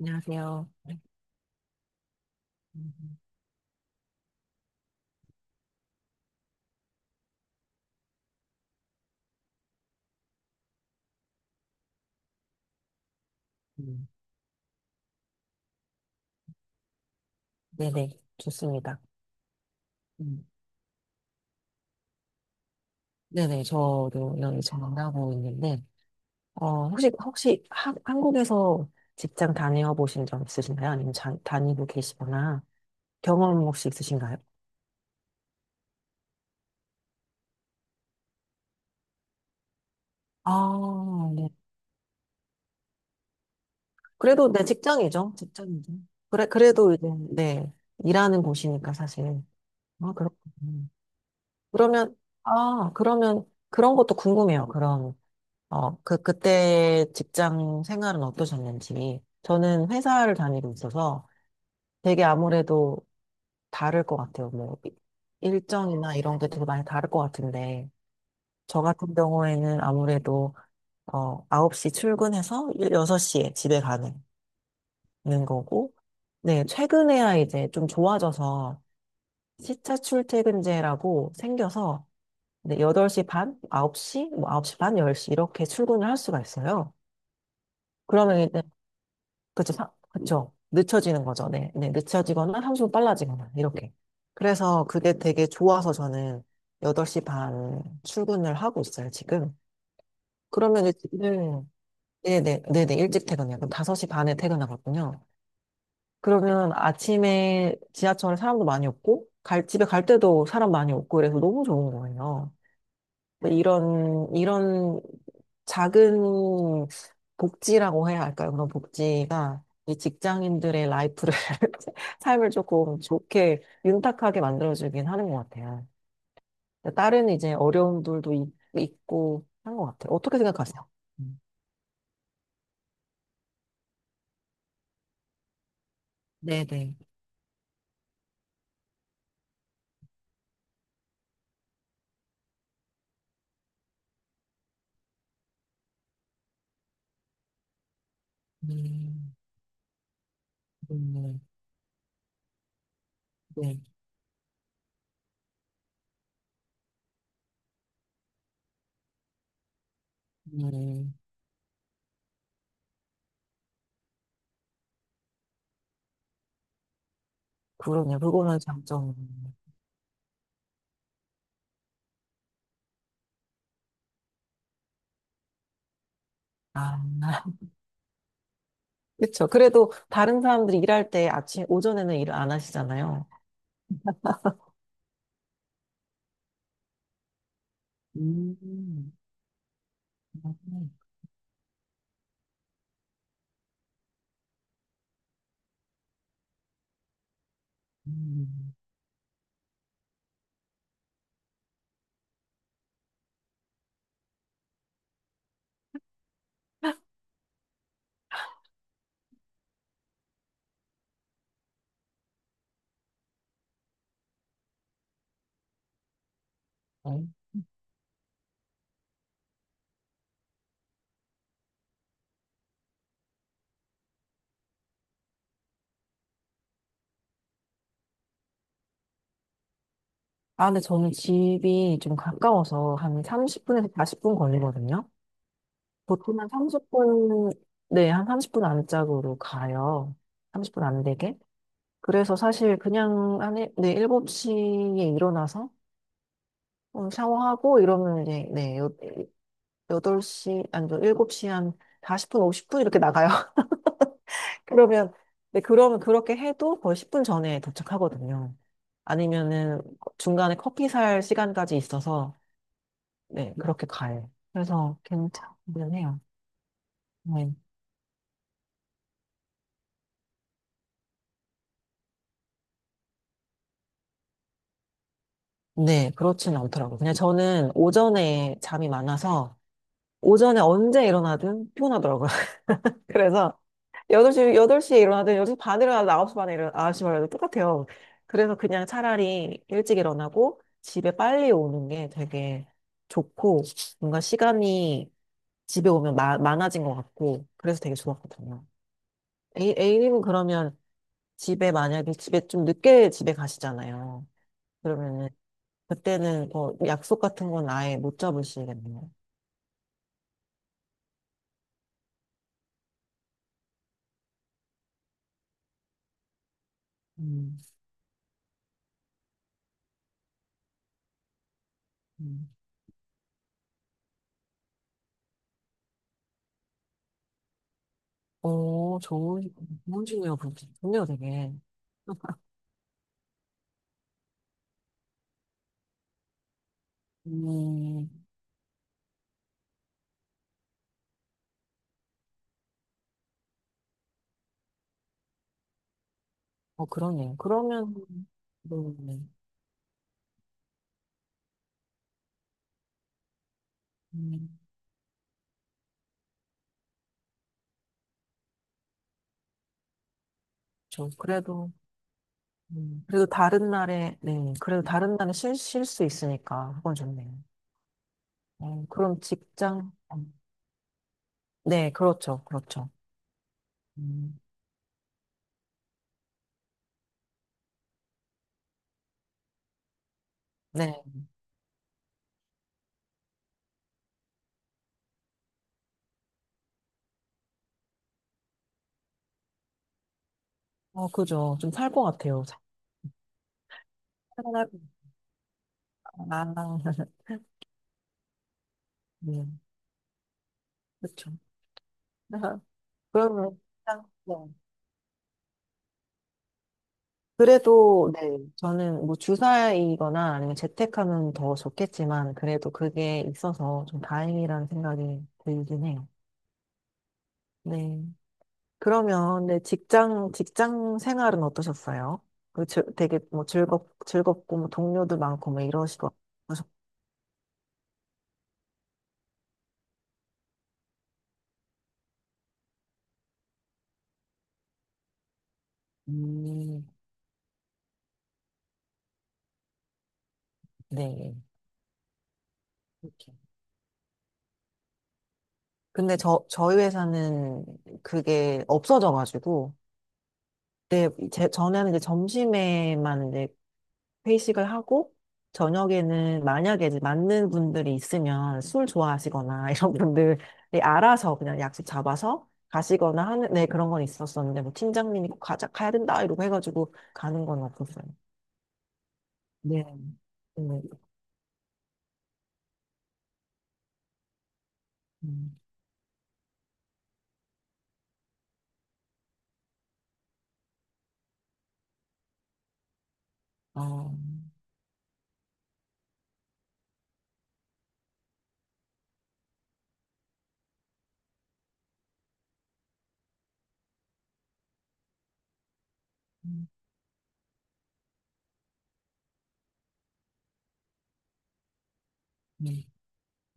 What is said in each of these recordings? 안녕하세요. 음, 음. 네네, 좋습니다. 음. 네네, 저도 여기 전공하고 있는데, 혹시 한국에서 직장 다녀 보신 적 있으신가요? 아니면 다니고 계시거나 경험 혹시 있으신가요? 아, 네. 그래도 네, 직장이죠. 직장이죠. 그래, 그래도 이제, 네, 일하는 곳이니까 사실. 아, 그렇군요. 그러면, 그러면 그런 것도 궁금해요. 그럼. 그때 직장 생활은 어떠셨는지. 저는 회사를 다니고 있어서 되게 아무래도 다를 것 같아요. 뭐, 일정이나 이런 게 되게 많이 다를 것 같은데. 저 같은 경우에는 아무래도, 9시 출근해서 6시에 집에 가는 거고, 네, 최근에야 이제 좀 좋아져서 시차 출퇴근제라고 생겨서, 네, 8시 반, 9시, 뭐 9시 반, 10시 이렇게 출근을 할 수가 있어요. 그러면 이제 그렇죠. 그렇죠. 늦춰지는 거죠. 네. 네. 늦춰지거나 30분 빨라지거나 이렇게. 그래서 그게 되게 좋아서 저는 8시 반 출근을 하고 있어요, 지금. 그러면 일찍 네네 네네 일찍 퇴근해요. 그럼 5시 반에 퇴근하거든요. 그러면 아침에 지하철에 사람도 많이 없고 갈 집에 갈 때도 사람 많이 없고 그래서 너무 좋은 거예요. 네, 이런 작은 복지라고 해야 할까요? 그런 복지가 이 직장인들의 라이프를, 삶을 조금 좋게, 윤택하게 만들어주긴 하는 것 같아요. 다른 이제 어려움들도 있고 한 것 같아요. 어떻게 생각하세요? 음. 네네. 음, 음, 네. 음, 그러네요. 그거는 장점. 아, 그렇죠. 그래도 다른 사람들이 일할 때 아침, 오전에는 일을 안 하시잖아요. 음. 음, 네. 아, 근데 저는 집이 좀 가까워서 한 30분에서 40분 걸리거든요. 보통 한 30분, 네, 한 30분 안짝으로 가요. 30분 안 되게. 그래서 사실 그냥 네, 7시에 일어나서 샤워하고 이러면 이제, 네, 여, 덟시 아니, 저 일곱 시한 40분, 50분 이렇게 나가요. 그러면, 네, 그러면 그렇게 해도 거의 10분 전에 도착하거든요. 아니면은 중간에 커피 살 시간까지 있어서, 네, 그렇게 가요. 그래서 괜찮긴 해요. 네. 네, 그렇진 않더라고요. 그냥 저는 오전에 잠이 많아서, 오전에 언제 일어나든 피곤하더라고요. 그래서 8시, 여덟 시에 일어나든 8시 반에 일어나든 9시 반에 일어나든 9시 반에 일어나든 똑같아요. 그래서 그냥 차라리 일찍 일어나고 집에 빨리 오는 게 되게 좋고, 뭔가 시간이 집에 오면 많아진 것 같고 그래서 되게 좋았거든요. A님은 그러면 집에 만약에 집에 좀 늦게 집에 가시잖아요. 그러면은 그때는 뭐 약속 같은 건 아예 못 잡으시겠네요. 음, 음. 오, 좋은 친구예요, 좋네요, 되게. 음, 그러네요. 그러면, 네, 네. 음, 저, 그래도, 그래도 다른 날에, 네, 그래도 다른 날에 쉴 수 있으니까, 그건 좋네요. 그럼 네, 그렇죠, 그렇죠. 음, 네, 그죠. 좀 살 것 같아요. 살아날 것 같아요. 아, 네, 그렇죠. 그러면, 일단, 네. 그래도, 네, 저는 뭐 주사이거나 아니면 재택하면 더 좋겠지만, 그래도 그게 있어서 좀 다행이라는 생각이 들긴 해요. 네. 그러면, 네, 직장 생활은 어떠셨어요? 그 되게 뭐 즐겁고, 뭐 동료도 많고, 뭐 이러시고, 어떠셨- 음, 네. 근데 저희 회사는 그게 없어져가지고, 네, 전에는 이제 점심에만 이제 회식을 하고, 저녁에는 만약에 이제 맞는 분들이 있으면 술 좋아하시거나 이런 분들이 알아서 그냥 약속 잡아서 가시거나 하는, 네, 그런 건 있었었는데, 뭐 팀장님이 꼭 가자, 가야 된다, 이러고 해가지고 가는 건 없었어요. 네, 네, 음, 어, 음, 음,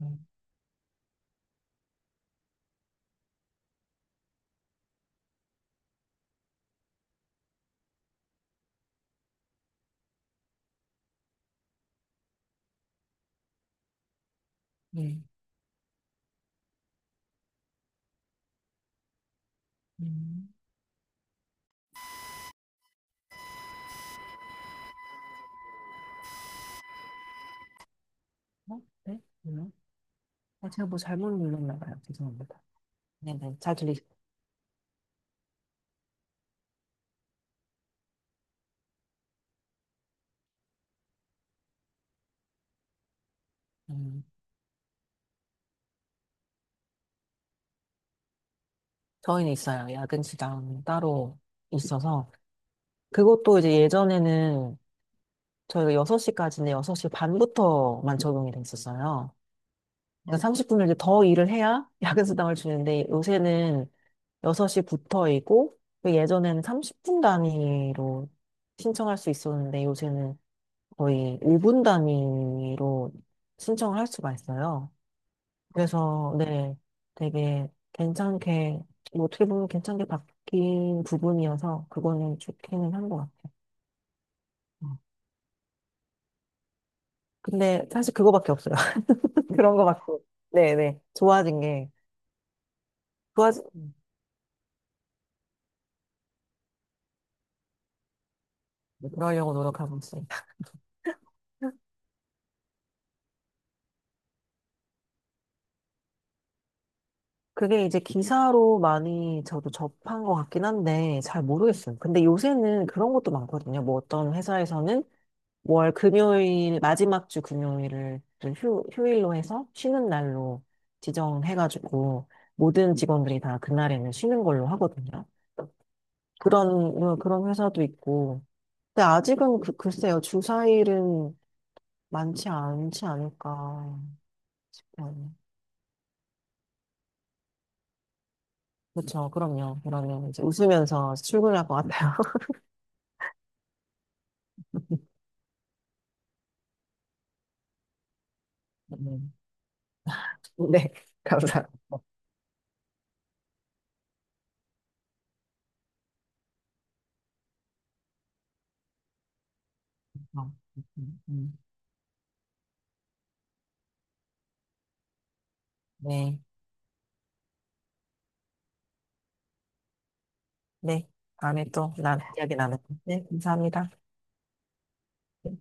음, 음, 음. 어? 네? 뭐요? 아, 제가 뭐 잘못 눌렀나 봐요. 죄송합니다. 네네, 음, 저희는 있어요. 야근 수당 따로 있어서. 그것도 이제 예전에는 저희가 6시까지인데 6시 반부터만 적용이 돼 있었어요. 그러니까 30분을 이제 더 일을 해야 야근 수당을 주는데 요새는 6시부터이고 예전에는 30분 단위로 신청할 수 있었는데 요새는 거의 5분 단위로 신청을 할 수가 있어요. 그래서, 네, 되게 괜찮게, 뭐 어떻게 보면 괜찮게 바뀐 부분이어서 그거는 좋기는 한 것 같아요. 음. 근데 사실 그거밖에 없어요. 그런 거밖에. 네네. 좋아진 게. 좋아지, 네, 그러려고 노력하고 있습니다. 그게 이제 기사로 많이 저도 접한 것 같긴 한데 잘 모르겠어요. 근데 요새는 그런 것도 많거든요. 뭐 어떤 회사에서는 월 금요일, 마지막 주 금요일을 좀 휴일로 해서 쉬는 날로 지정해가지고 모든 직원들이 다 그날에는 쉬는 걸로 하거든요. 그런, 그런 회사도 있고. 근데 아직은 글쎄요, 주사일은 많지 않지 않을까. 음, 그렇죠. 그럼요. 그러면 이제 웃으면서 출근할 것 같아요. 음, 네. 감사합니다. 어, 음, 음. 네. 네. 다음에 또 이야기 나눠요. 네. 감사합니다.